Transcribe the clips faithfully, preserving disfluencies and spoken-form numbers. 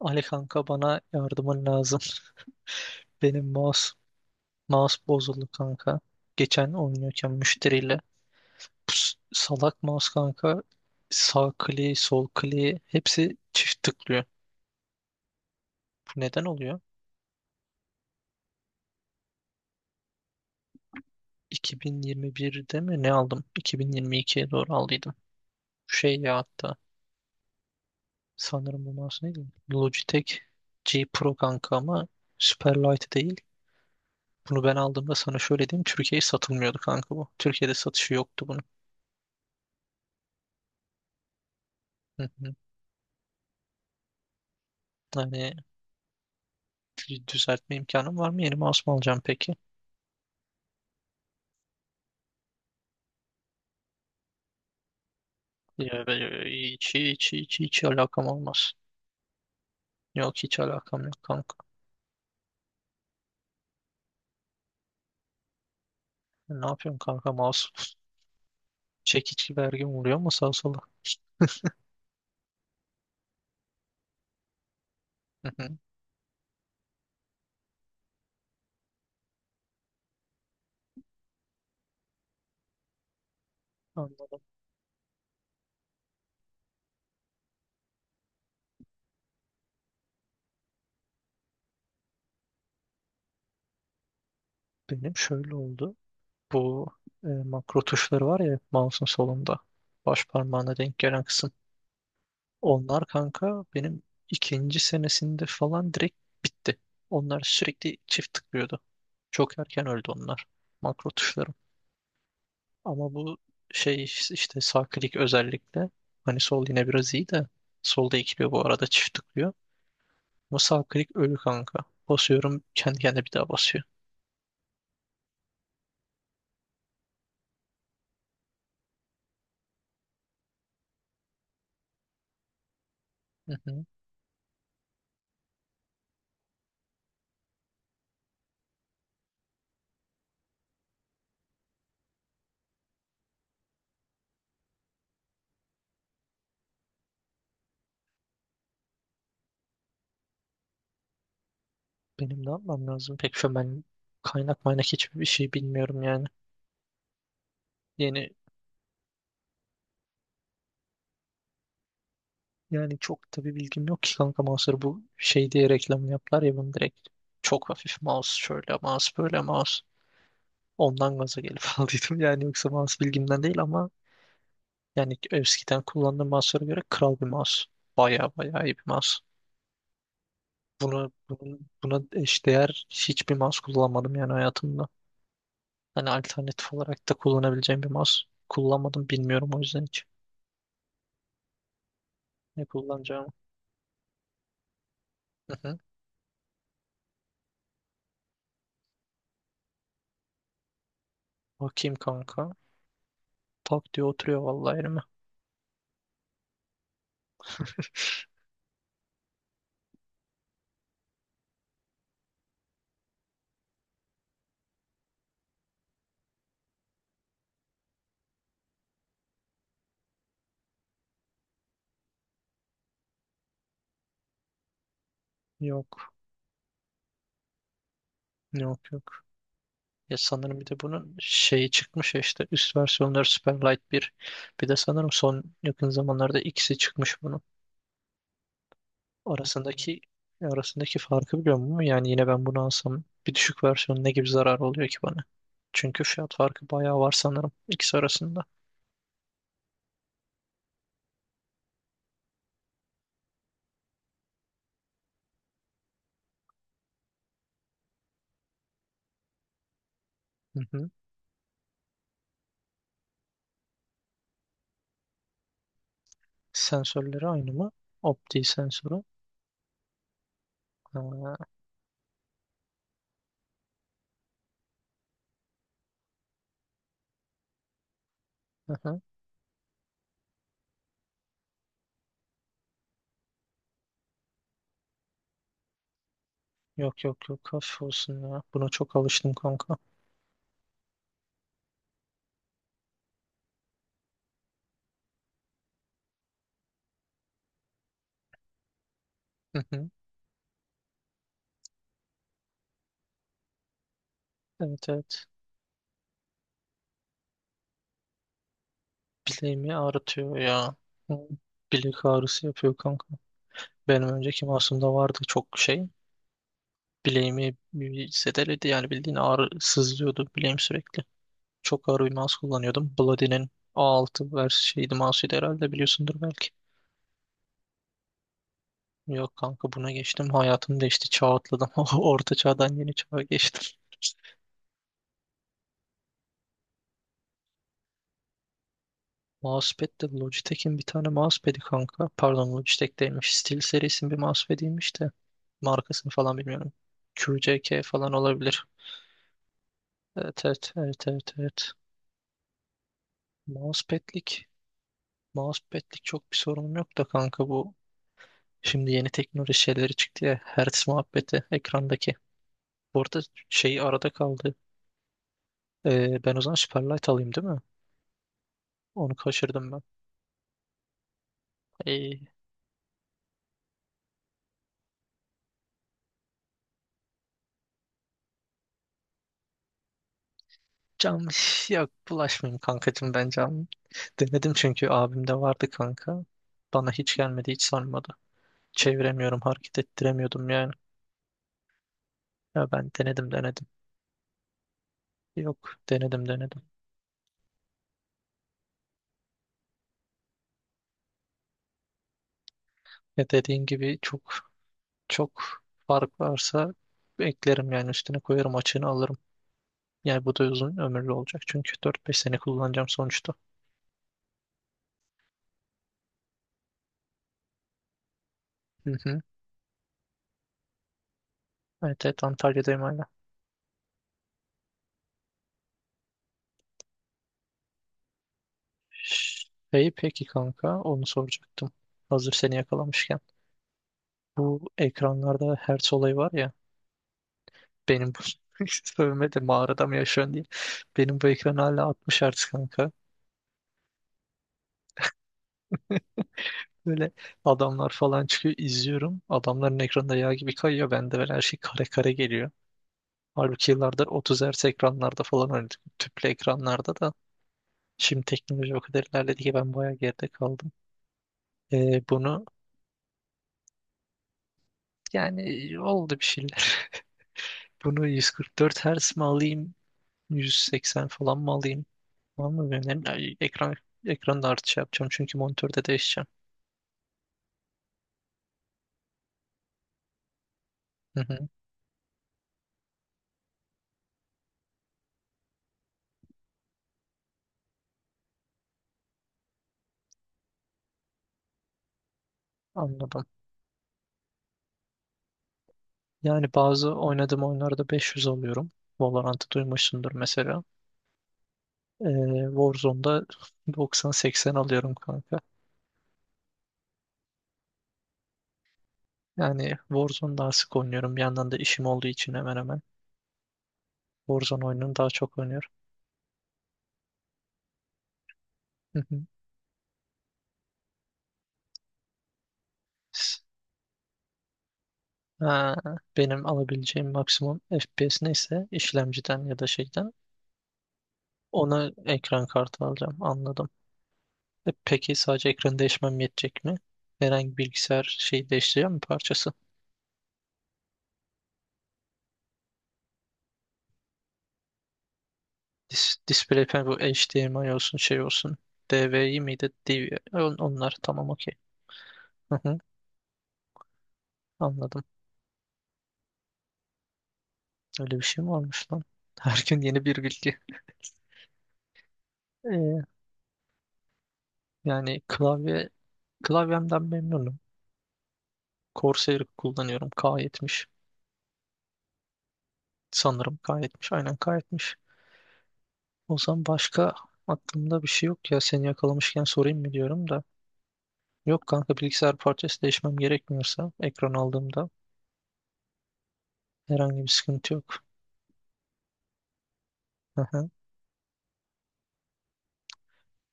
Ali kanka bana yardımın lazım. Benim mouse mouse bozuldu kanka. Geçen oynuyorken müşteriyle Pus, salak mouse kanka sağ kliği sol kliği hepsi çift tıklıyor. Bu neden oluyor? iki bin yirmi birde mi ne aldım? iki bin yirmi ikiye doğru aldıydım. Şey ya hatta sanırım bu mouse neydi? Logitech G Pro kanka ama Superlight değil. Bunu ben aldığımda sana şöyle diyeyim. Türkiye'ye satılmıyordu kanka bu. Türkiye'de satışı yoktu bunun. Hı hı. Yani düzeltme imkanım var mı? Yeni mouse mu alacağım peki? Ya, ben- hiç, hiç, hiç, hiç alakam olmaz. Yok hiç alakam yok kanka. E, Ne yapıyorsun kanka? Mouse çekiç gibi her gün vuruyor mu sağa sola? Hı hı. Anladım. Benim şöyle oldu. Bu e, makro tuşları var ya mouse'un solunda. Baş parmağına denk gelen kısım. Onlar kanka benim ikinci senesinde falan direkt bitti. Onlar sürekli çift tıklıyordu. Çok erken öldü onlar. Makro tuşları. Ama bu şey işte sağ klik özellikle hani sol yine biraz iyi de solda ikiliyor bu arada çift tıklıyor. Ama sağ klik ölü kanka. Basıyorum kendi kendine bir daha basıyor. Hı hı. Benim ne yapmam lazım? Pek şu an ben kaynak maynak hiçbir şey bilmiyorum yani. Yeni yani çok tabii bilgim yok ki kanka mouse'ları bu şey diye reklamını yaptılar ya bunu direkt. Çok hafif mouse şöyle mouse böyle mouse. Ondan gaza gelip aldıydım yani yoksa mouse bilgimden değil ama yani eskiden kullandığım mouse'lara göre kral bir mouse. Baya baya iyi bir mouse. Bunu, bunun, buna eşdeğer hiçbir mouse kullanmadım yani hayatımda. Hani alternatif olarak da kullanabileceğim bir mouse kullanmadım. Bilmiyorum o yüzden hiç ne kullanacağımı. Hı hı. Bakayım kanka. Tak diye oturuyor vallahi elime. Yok. Yok yok. Ya sanırım bir de bunun şeyi çıkmış ya işte üst versiyonları Superlight bir. Bir de sanırım son yakın zamanlarda ikisi çıkmış bunun. arasındaki arasındaki farkı biliyor musun? Yani yine ben bunu alsam bir düşük versiyonu ne gibi zarar oluyor ki bana? Çünkü fiyat farkı bayağı var sanırım ikisi arasında. Hı hı. Sensörleri aynı mı? Opti sensörü. Ha, hı hı. Yok yok yok, olsun ya. Buna çok alıştım kanka. Hı hı. Evet evet. Bileğimi ağrıtıyor ya. Hı. Bilek ağrısı yapıyor kanka. Benim önceki masumda vardı çok şey. Bileğimi bir zedeledi yani bildiğin ağrı sızlıyordu bileğim sürekli. Çok ağır bir mouse kullanıyordum. Bloody'nin A altı vers şeydi mouse'uydu herhalde biliyorsundur belki. Yok kanka buna geçtim. Hayatım değişti. Çağ atladım. Orta çağdan yeni çağa geçtim. Mousepad de Logitech'in bir tane mousepad'i kanka. Pardon Logitech'teymiş. Steel serisinin bir mousepad'iymiş de. Markasını falan bilmiyorum. Q C K falan olabilir. Evet, evet, evet, evet, evet. Mousepad'lik. Mousepad'lik çok bir sorunum yok da kanka bu. Şimdi yeni teknoloji şeyleri çıktı ya. Hertz muhabbeti ekrandaki. Bu arada şey arada kaldı. Ee, ben o zaman Superlight alayım değil mi? Onu kaçırdım ben. Ee, Canlı yok bulaşmayayım kankacığım ben canlı. Denedim çünkü abimde vardı kanka. Bana hiç gelmedi hiç sarmadı. Çeviremiyorum hareket ettiremiyordum yani. Ya ben denedim denedim. Yok, denedim denedim. Ya dediğin gibi çok çok fark varsa eklerim yani üstüne koyarım açığını alırım. Yani bu da uzun ömürlü olacak çünkü dört beş sene kullanacağım sonuçta. Hı hı. Evet, evet Antalya'dayım. Şey peki kanka onu soracaktım. Hazır seni yakalamışken. Bu ekranlarda Hertz olayı var ya. Benim bu sövme de mağarada mı yaşıyorsun diye. Benim bu ekran hala altmış hertz kanka. Böyle adamlar falan çıkıyor izliyorum. Adamların ekranında yağ gibi kayıyor. Bende böyle her şey kare kare geliyor. Halbuki yıllardır otuz hertz ekranlarda falan oynadık. Tüplü ekranlarda da. Şimdi teknoloji o kadar ilerledi ki ben bayağı geride kaldım. Ee, bunu yani oldu bir şeyler. Bunu yüz kırk dört Hz mi alayım? yüz seksen falan mı alayım? Var mı bir önerin? Ay, Ekran, ekranı da artış yapacağım çünkü monitörde değişeceğim. Hı hı, anladım. Yani bazı oynadığım oyunlarda beş yüz alıyorum. Valorant'ı duymuşsundur mesela. Ee, Warzone'da doksana seksen alıyorum kanka. Yani Warzone daha sık oynuyorum. Bir yandan da işim olduğu için hemen hemen. Warzone oyununu daha çok oynuyorum. Hı hı. Ha, benim alabileceğim maksimum F P S neyse işlemciden ya da şeyden ona ekran kartı alacağım. Anladım. E peki sadece ekranı değişmem yetecek mi? Herhangi bir bilgisayar şeyi değiştireceğim mi parçası? Dis display panel bu H D M I olsun şey olsun. D V I miydi? D V I. On- Onlar tamam, okey. Hı hı. Anladım. Öyle bir şey mi varmış lan? Her gün yeni bir bilgi. Ee, Yani klavye klavyemden memnunum. Corsair kullanıyorum. K yetmiş sanırım K yetmiş. Aynen K yetmiş. O zaman başka aklımda bir şey yok ya. Seni yakalamışken sorayım mı diyorum da. Yok kanka bilgisayar parçası değişmem gerekmiyorsa ekran aldığımda herhangi bir sıkıntı yok. Aha.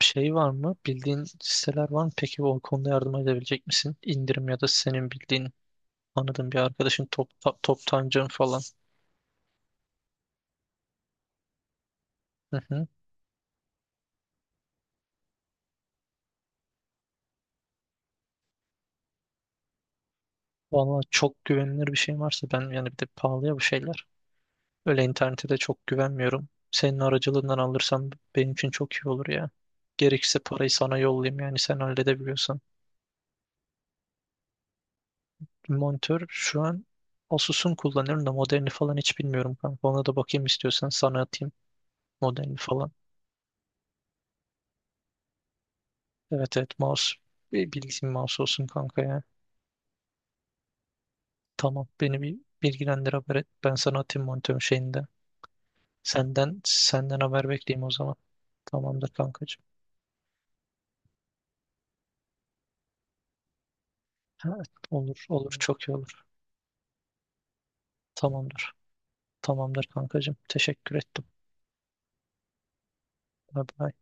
Şey var mı? Bildiğin siteler var mı? Peki o konuda yardım edebilecek misin? İndirim ya da senin bildiğin anladığın bir arkadaşın top, top, toptancın falan. Hı hı. Valla çok güvenilir bir şey varsa ben yani bir de pahalıya bu şeyler. Öyle internete de çok güvenmiyorum. Senin aracılığından alırsam benim için çok iyi olur ya. Gerekirse parayı sana yollayayım yani sen halledebiliyorsan. Monitör şu an Asus'un kullanıyorum da modelini falan hiç bilmiyorum kanka. Ona da bakayım istiyorsan sana atayım modelini falan. Evet, evet, mouse. Bir bildiğim mouse olsun kanka ya. Tamam beni bir bilgilendir, haber et. Ben sana atayım monitörün şeyinde. Senden senden haber bekleyeyim o zaman. Tamamdır kankacığım. Evet, olur olur çok iyi olur. Tamamdır. Tamamdır kankacığım. Teşekkür ettim. Bye bye.